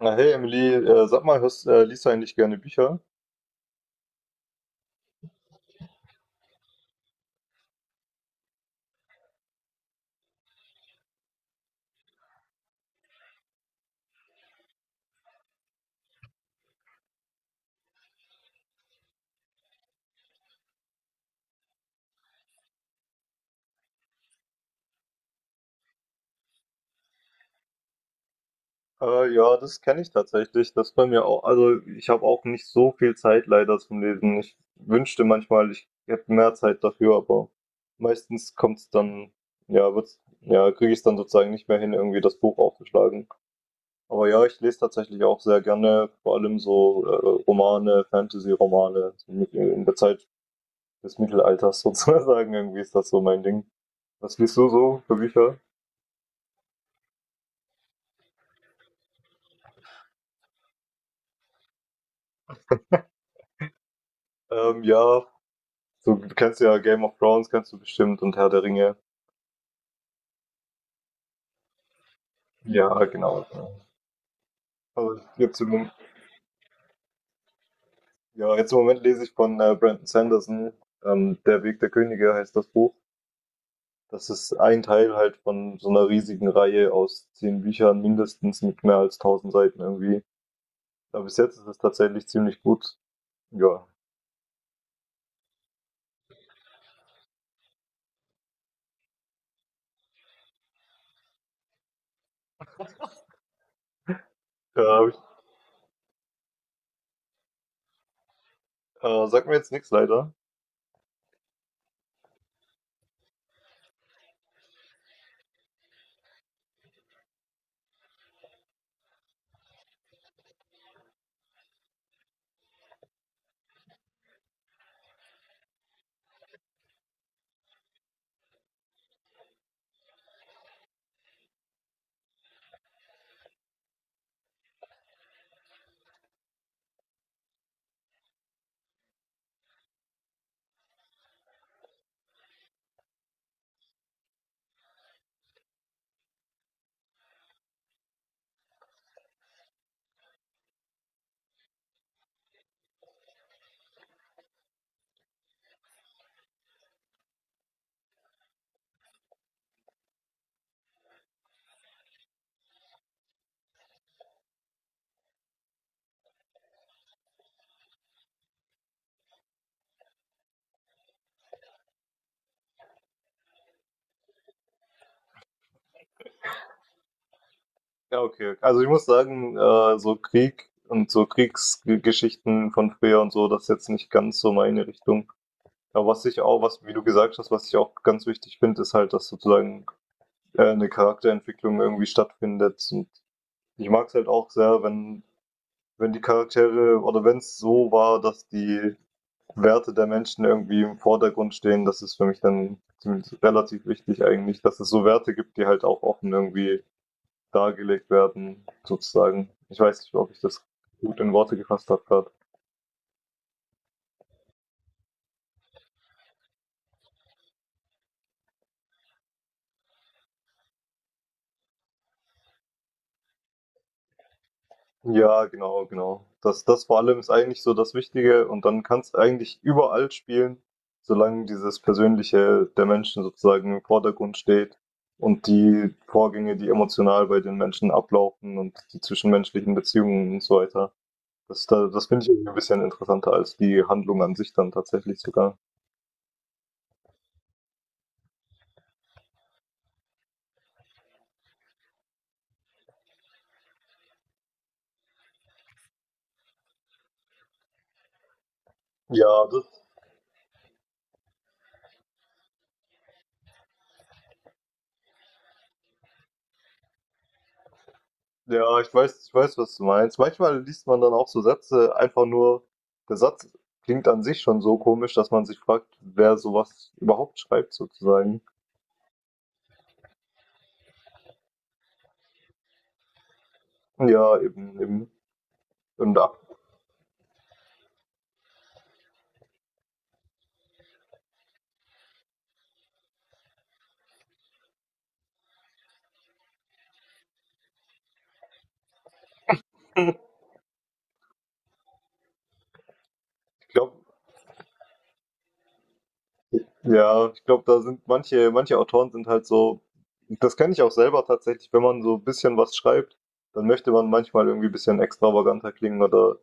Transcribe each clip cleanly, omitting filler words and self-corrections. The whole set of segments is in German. Na hey Emily, sag mal, liest du eigentlich gerne Bücher? Ja, Das kenne ich tatsächlich. Das bei mir auch. Also ich habe auch nicht so viel Zeit leider zum Lesen. Ich wünschte manchmal, ich hätte mehr Zeit dafür, aber meistens kommt's dann, ja, wird's, ja, kriege ich es dann sozusagen nicht mehr hin, irgendwie das Buch aufzuschlagen. Aber ja, ich lese tatsächlich auch sehr gerne, vor allem so Romane, Fantasy-Romane in der Zeit des Mittelalters sozusagen. Irgendwie ist das so mein Ding. Was liest du so für Bücher? Ähm, ja, So, du kennst ja Game of Thrones, kennst du bestimmt, und Herr der Ringe. Ja, genau. Also jetzt im, Mom- ja, jetzt im Moment lese ich von Brandon Sanderson, Der Weg der Könige heißt das Buch. Das ist ein Teil halt von so einer riesigen Reihe aus 10 Büchern mindestens mit mehr als tausend Seiten irgendwie. Aber bis jetzt ist es tatsächlich ziemlich gut. Ja, äh, hab ich, Sagt mir jetzt nichts leider. Ja, okay. Also ich muss sagen, so Krieg und so Kriegsgeschichten von früher und so, das ist jetzt nicht ganz so meine Richtung. Aber was ich auch, was, wie du gesagt hast, was ich auch ganz wichtig finde, ist halt, dass sozusagen eine Charakterentwicklung irgendwie stattfindet. Und ich mag es halt auch sehr, wenn die Charaktere oder wenn es so war, dass die Werte der Menschen irgendwie im Vordergrund stehen, das ist für mich dann relativ wichtig eigentlich, dass es so Werte gibt, die halt auch offen irgendwie dargelegt werden, sozusagen. Ich weiß nicht, ob ich das gut in Worte gefasst habe gerade. Ja, genau, genau. Das vor allem ist eigentlich so das Wichtige und dann kannst du eigentlich überall spielen, solange dieses Persönliche der Menschen sozusagen im Vordergrund steht und die Vorgänge, die emotional bei den Menschen ablaufen und die zwischenmenschlichen Beziehungen und so weiter. Das finde ich irgendwie ein bisschen interessanter als die Handlung an sich dann tatsächlich sogar. Ja, ich weiß, was du meinst. Manchmal liest man dann auch so Sätze einfach nur der Satz klingt an sich schon so komisch, dass man sich fragt, wer sowas überhaupt schreibt sozusagen. Ja, eben, eben. Und da ich glaube ja, Ich glaube, da sind manche Autoren sind halt so, das kenne ich auch selber tatsächlich, wenn man so 'n bisschen was schreibt, dann möchte man manchmal irgendwie ein bisschen extravaganter klingen oder.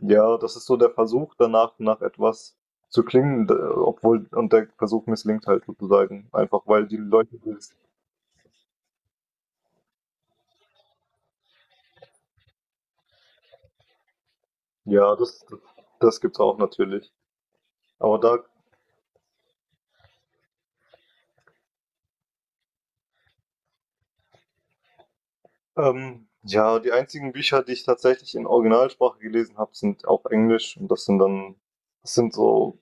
Ja, das ist so der Versuch danach, nach etwas zu klingen, und der Versuch misslingt halt sozusagen. Einfach weil die Leute, die es- ja, das, das gibt's auch natürlich. Aber ja, die einzigen Bücher, die ich tatsächlich in Originalsprache gelesen habe, sind auch Englisch. Und das sind so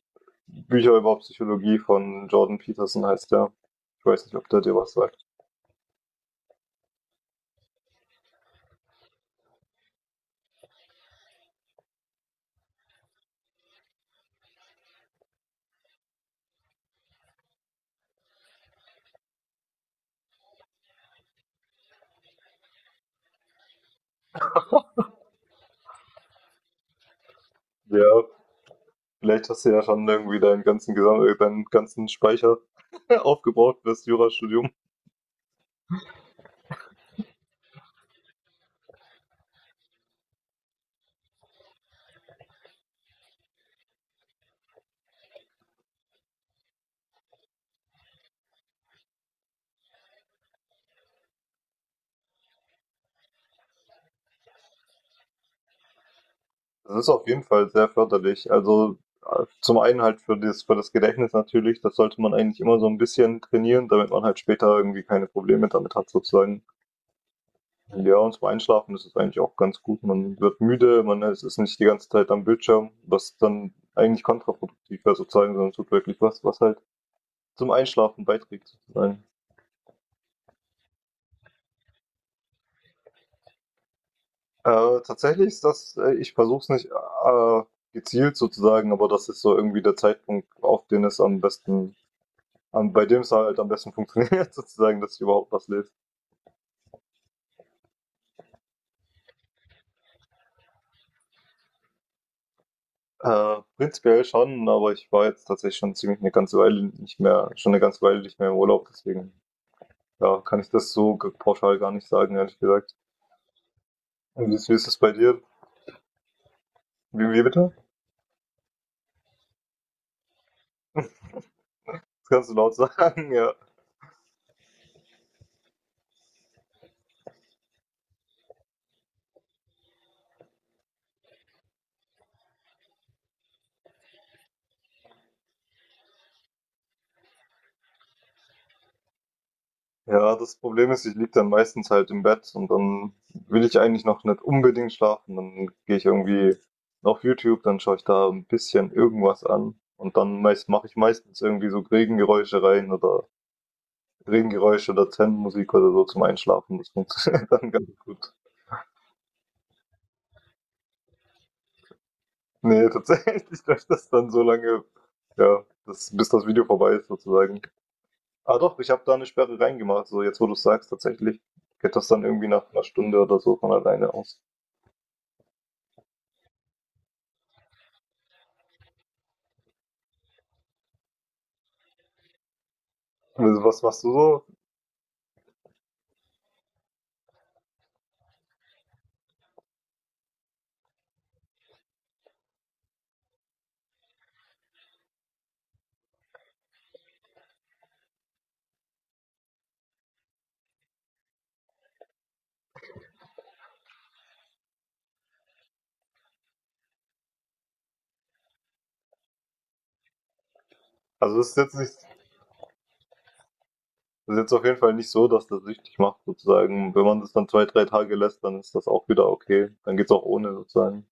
Bücher über Psychologie von Jordan Peterson heißt der. Ich weiß nicht, ob der dir was sagt. Ja, vielleicht hast du ja schon irgendwie deinen ganzen, Gesam deinen ganzen Speicher aufgebraucht fürs Jurastudium. Das ist auf jeden Fall sehr förderlich. Also zum einen halt für für das Gedächtnis natürlich, das sollte man eigentlich immer so ein bisschen trainieren, damit man halt später irgendwie keine Probleme damit hat sozusagen. Ja, und zum Einschlafen ist es eigentlich auch ganz gut. Man wird müde, man ist nicht die ganze Zeit am Bildschirm, was dann eigentlich kontraproduktiv wäre sozusagen, sondern tut wirklich was, was halt zum Einschlafen beiträgt sozusagen. Tatsächlich ich versuche es nicht äh, gezielt sozusagen, aber das ist so irgendwie der Zeitpunkt, auf den es am besten. Bei dem es halt am besten funktioniert, sozusagen, dass ich überhaupt was lese. Prinzipiell schon, aber ich war jetzt tatsächlich schon eine ganze Weile nicht mehr im Urlaub, deswegen ja, kann ich das so g- pauschal gar nicht sagen, ehrlich gesagt. Und wie ist es bei dir? Wie bitte? Das kannst du laut sagen, ja. Ja, das Problem ist, ich liege dann meistens halt im Bett und dann will ich eigentlich noch nicht unbedingt schlafen. Dann gehe ich irgendwie auf YouTube, dann schaue ich da ein bisschen irgendwas an und dann mache ich meistens irgendwie so Regengeräusche oder Zen-Musik oder so zum Einschlafen. Das funktioniert dann ganz gut. Nee, tatsächlich läuft das dann so lange, ja, das, bis das Video vorbei ist sozusagen. Ah doch, ich habe da eine Sperre reingemacht. So jetzt, wo du es sagst, tatsächlich geht das dann irgendwie nach einer Stunde oder so von alleine aus. Also, was machst du so? Also es ist jetzt nicht, Das ist jetzt auf jeden Fall nicht so, dass das süchtig macht sozusagen. Wenn man das dann zwei, drei Tage lässt, dann ist das auch wieder okay. Dann geht's auch ohne sozusagen.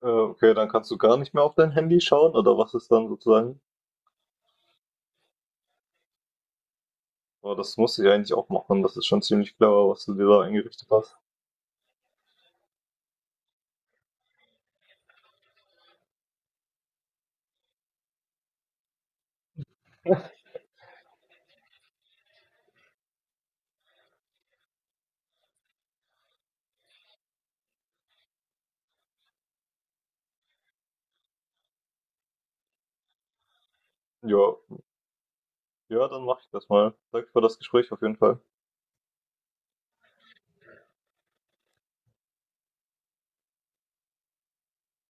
Okay, dann kannst du gar nicht mehr auf dein Handy schauen oder was ist dann sozusagen? Aber das musste ich eigentlich auch machen. Das ist schon ziemlich clever, was du dir da eingerichtet hast. Ja, ja, dann mache ich das mal. Danke für das Gespräch auf jeden Fall.